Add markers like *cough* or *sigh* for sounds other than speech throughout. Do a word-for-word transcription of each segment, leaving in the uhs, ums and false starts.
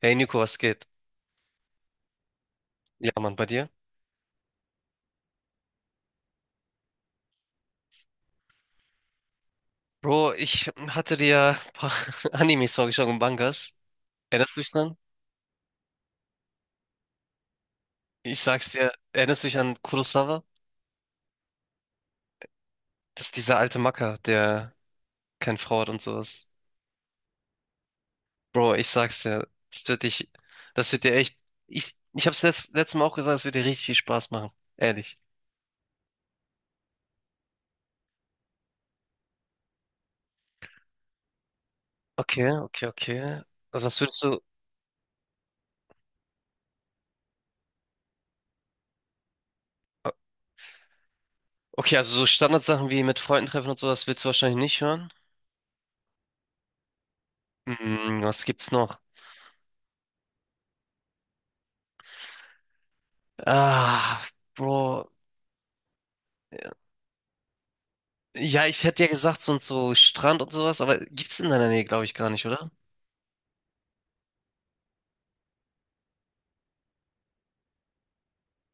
Hey Nico, was geht? Ja, Mann, bei dir? Bro, ich hatte dir ja ein paar *laughs* Animes vorgeschlagen, und Mangas. Erinnerst du dich dran? Ich sag's dir, erinnerst du dich an Kurosawa? Das ist dieser alte Macker, der keine Frau hat und sowas. Bro, ich sag's dir, das wird dich, das wird dir echt, ich, ich hab's letzt, letztes Mal auch gesagt, es wird dir richtig viel Spaß machen. Ehrlich. Okay, okay, okay. Also was würdest du, okay, also so Standardsachen wie mit Freunden treffen und sowas willst du wahrscheinlich nicht hören. Hm, was gibt's noch? Ah, Bro. Ja, ich hätte ja gesagt, so und so Strand und sowas, aber gibt's in deiner Nähe, glaube ich, gar nicht, oder?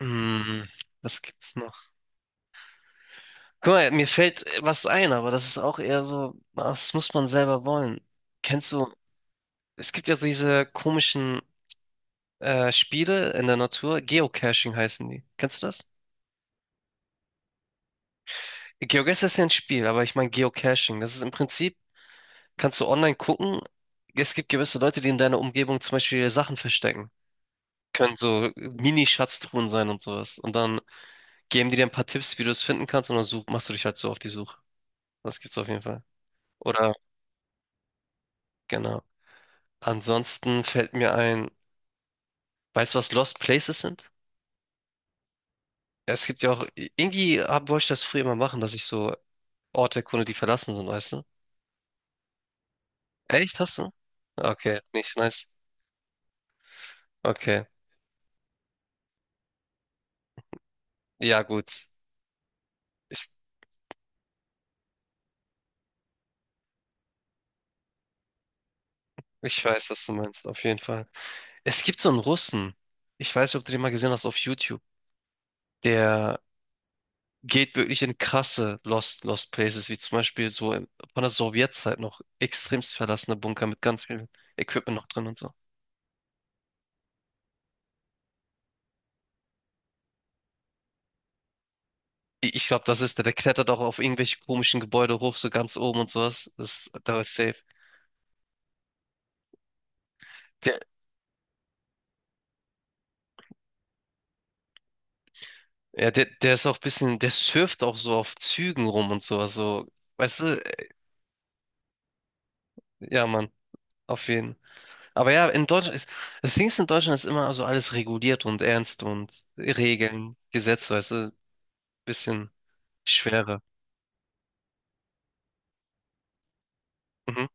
Hm, was gibt's noch? Guck mal, mir fällt was ein, aber das ist auch eher so, ah, das muss man selber wollen. Kennst du, es gibt ja diese komischen äh, Spiele in der Natur, Geocaching heißen die. Kennst du das? GeoGuessr ist ja ein Spiel, aber ich meine Geocaching. Das ist im Prinzip, kannst du online gucken, es gibt gewisse Leute, die in deiner Umgebung zum Beispiel Sachen verstecken. Können so Mini-Schatztruhen sein und sowas. Und dann geben die dir ein paar Tipps, wie du es finden kannst, und dann such, machst du dich halt so auf die Suche. Das gibt's auf jeden Fall. Oder, genau. Ansonsten fällt mir ein, weißt du, was Lost Places sind? Ja, es gibt ja auch, irgendwie hab- wollte ich das früher immer machen, dass ich so Orte erkunde, die verlassen sind, weißt du? Echt, hast du? Okay, nicht nice. Okay, ja gut. Ich, ich weiß, was du meinst, auf jeden Fall. Es gibt so einen Russen, ich weiß nicht, ob du den mal gesehen hast auf YouTube, der geht wirklich in krasse Lost, Lost Places, wie zum Beispiel so im- von der Sowjetzeit noch extremst verlassene Bunker mit ganz viel Equipment noch drin und so. I- Ich glaube, das ist der, der klettert auch auf irgendwelche komischen Gebäude hoch, so ganz oben und sowas. Das, da ist safe. Der, ja, der, der ist auch ein bisschen, der surft auch so auf Zügen rum und sowas, so, weißt du, ja, Mann, auf jeden. Aber ja, in Deutschland ist, das Ding ist, in Deutschland ist immer so alles reguliert und ernst und Regeln, Gesetze, weißt du, bisschen schwerer. Mhm.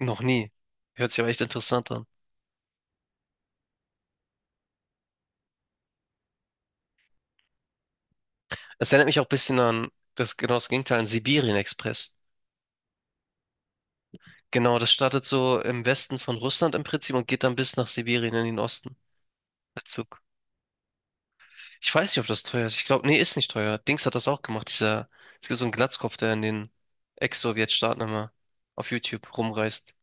Noch nie. Hört sich aber echt interessant an. Es erinnert mich auch ein bisschen an das genau das Gegenteil, an Sibirien-Express. Genau, das startet so im Westen von Russland im Prinzip und geht dann bis nach Sibirien in den Osten. Der Zug. Ich weiß nicht, ob das teuer ist. Ich glaube, nee, ist nicht teuer. Dings hat das auch gemacht. Dieser, es gibt so einen Glatzkopf, der in den Ex-Sowjetstaaten immer auf YouTube rumreist.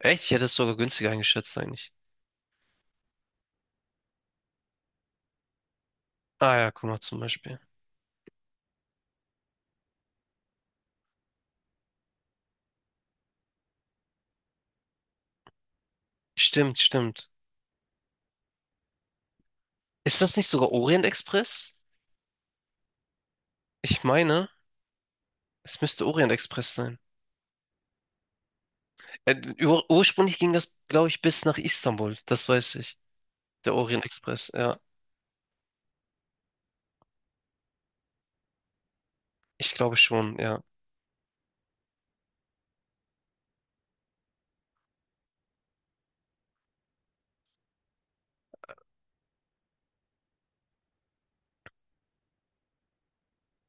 Echt? Ich hätte es sogar günstiger eingeschätzt eigentlich. Ah ja, guck mal zum Beispiel. Stimmt, stimmt. Ist das nicht sogar Orient Express? Ich meine, es müsste Orient Express sein. Äh, ur ursprünglich ging das, glaube ich, bis nach Istanbul. Das weiß ich. Der Orient Express, ja. Ich glaube schon, ja.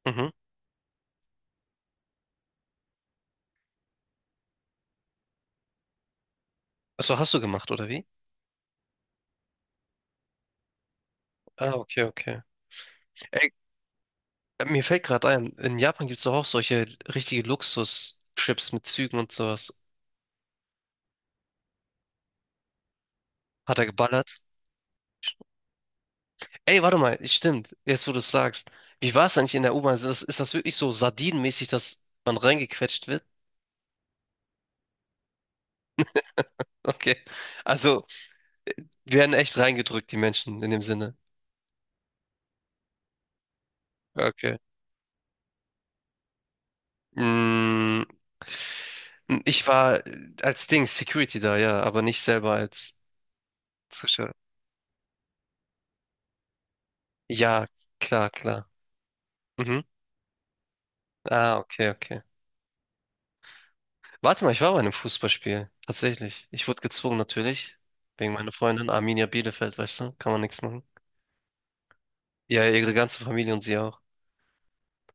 Mhm. Also hast du gemacht, oder wie? Ah, okay, okay. Ey, äh, mir fällt gerade ein, in Japan gibt es doch auch solche richtige Luxus-Trips mit Zügen und sowas. Hat er geballert? Ey, warte mal, stimmt, jetzt wo du es sagst. Wie war es eigentlich in der U-Bahn? Ist das, ist das wirklich so sardinenmäßig, dass man reingequetscht wird? *laughs* Okay. Also, äh, werden echt reingedrückt, die Menschen, in dem Sinne. Okay. Mm, ich war äh, als Ding Security da, ja, aber nicht selber als Zuschauer. Ja, klar, klar. Mhm. Ah, okay, okay. Warte mal, ich war bei einem Fußballspiel. Tatsächlich. Ich wurde gezwungen, natürlich. Wegen meiner Freundin Arminia Bielefeld, weißt du? Kann man nichts machen. Ja, ihre ganze Familie und sie auch.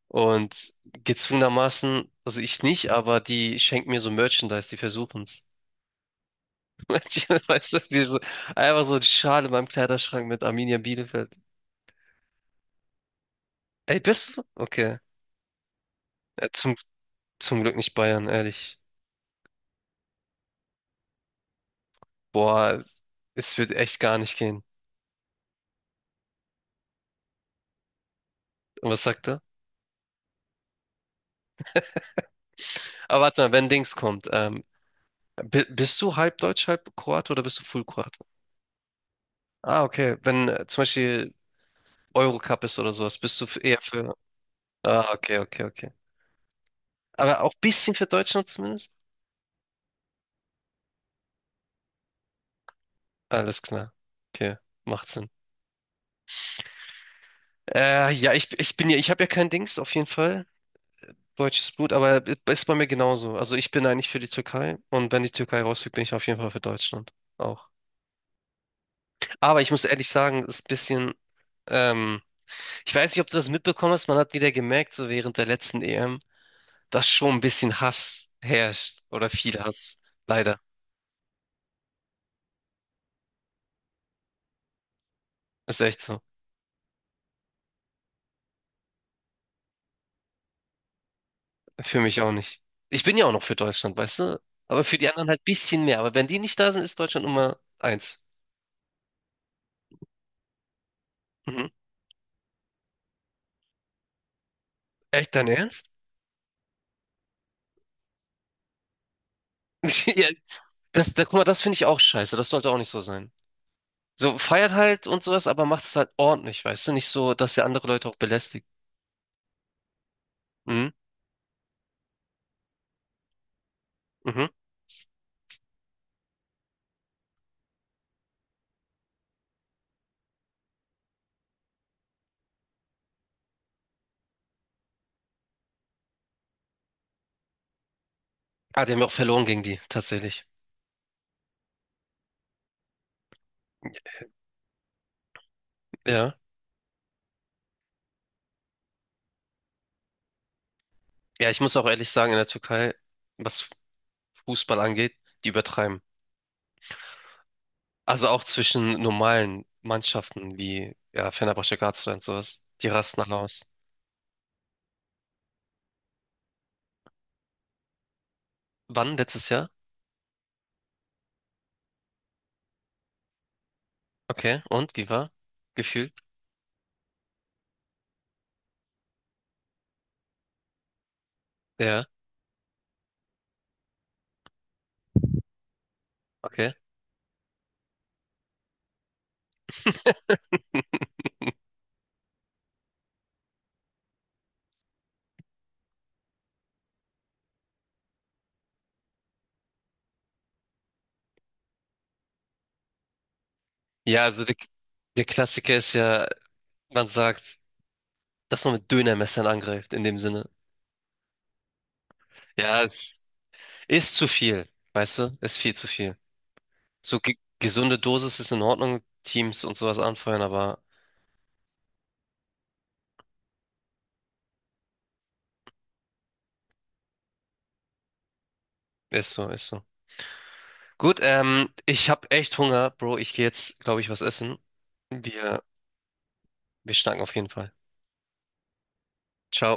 Und gezwungenermaßen, also ich nicht, aber die schenken mir so Merchandise, die versuchen's. *laughs* Weißt du, die so, einfach so eine Schale in meinem Kleiderschrank mit Arminia Bielefeld. Ey, bist du? Okay. Ja, zum zum Glück nicht Bayern, ehrlich. Boah, es wird echt gar nicht gehen. Und was sagt er? Aber warte mal, wenn Dings kommt, ähm, bi- bist du halb Deutsch, halb Kroate oder bist du Full Kroate? Ah, okay. Wenn äh, zum Beispiel Eurocup ist oder sowas, bist du f- eher für. Ah, okay, okay, okay. Aber auch ein bisschen für Deutschland zumindest? Alles klar. Okay, macht Sinn. Äh, ja, ich, ich bin ja, ich habe ja kein Dings, auf jeden Fall. Deutsches Blut, aber ist bei mir genauso. Also ich bin eigentlich für die Türkei und wenn die Türkei rausfliegt, bin ich auf jeden Fall für Deutschland auch. Aber ich muss ehrlich sagen, ist ein bisschen, ähm, ich weiß nicht, ob du das mitbekommen hast, man hat wieder gemerkt, so während der letzten E M, dass schon ein bisschen Hass herrscht oder viel Hass. Leider. Ist echt so. Für mich auch nicht. Ich bin ja auch noch für Deutschland, weißt du? Aber für die anderen halt ein bisschen mehr. Aber wenn die nicht da sind, ist Deutschland Nummer eins. Mhm. Echt dein Ernst? *laughs* Ja, das, da, guck mal, das finde ich auch scheiße. Das sollte auch nicht so sein. So, feiert halt und sowas, aber macht es halt ordentlich, weißt du? Nicht so, dass ihr andere Leute auch belästigt. Mhm. Mhm. Ah, die haben wir auch verloren gegen die, tatsächlich. Ja. Ja, ich muss auch ehrlich sagen, in der Türkei, was Fußball angeht, die übertreiben. Also auch zwischen normalen Mannschaften wie ja, Fenerbahçe, Galatasaray und sowas. Die rasten alle aus. Wann? Letztes Jahr? Okay. Und? Wie war? Gefühl? Ja. Okay. *laughs* Ja, also der, der Klassiker ist ja, man sagt, dass man mit Dönermessern angreift, in dem Sinne. Ja, es ist zu viel, weißt du? Ist viel zu viel. So ge gesunde Dosis ist in Ordnung, Teams und sowas anfeuern, aber ist so, ist so. Gut, ähm, ich habe echt Hunger, Bro. Ich gehe jetzt, glaube ich, was essen. Wir, wir schnacken auf jeden Fall. Ciao.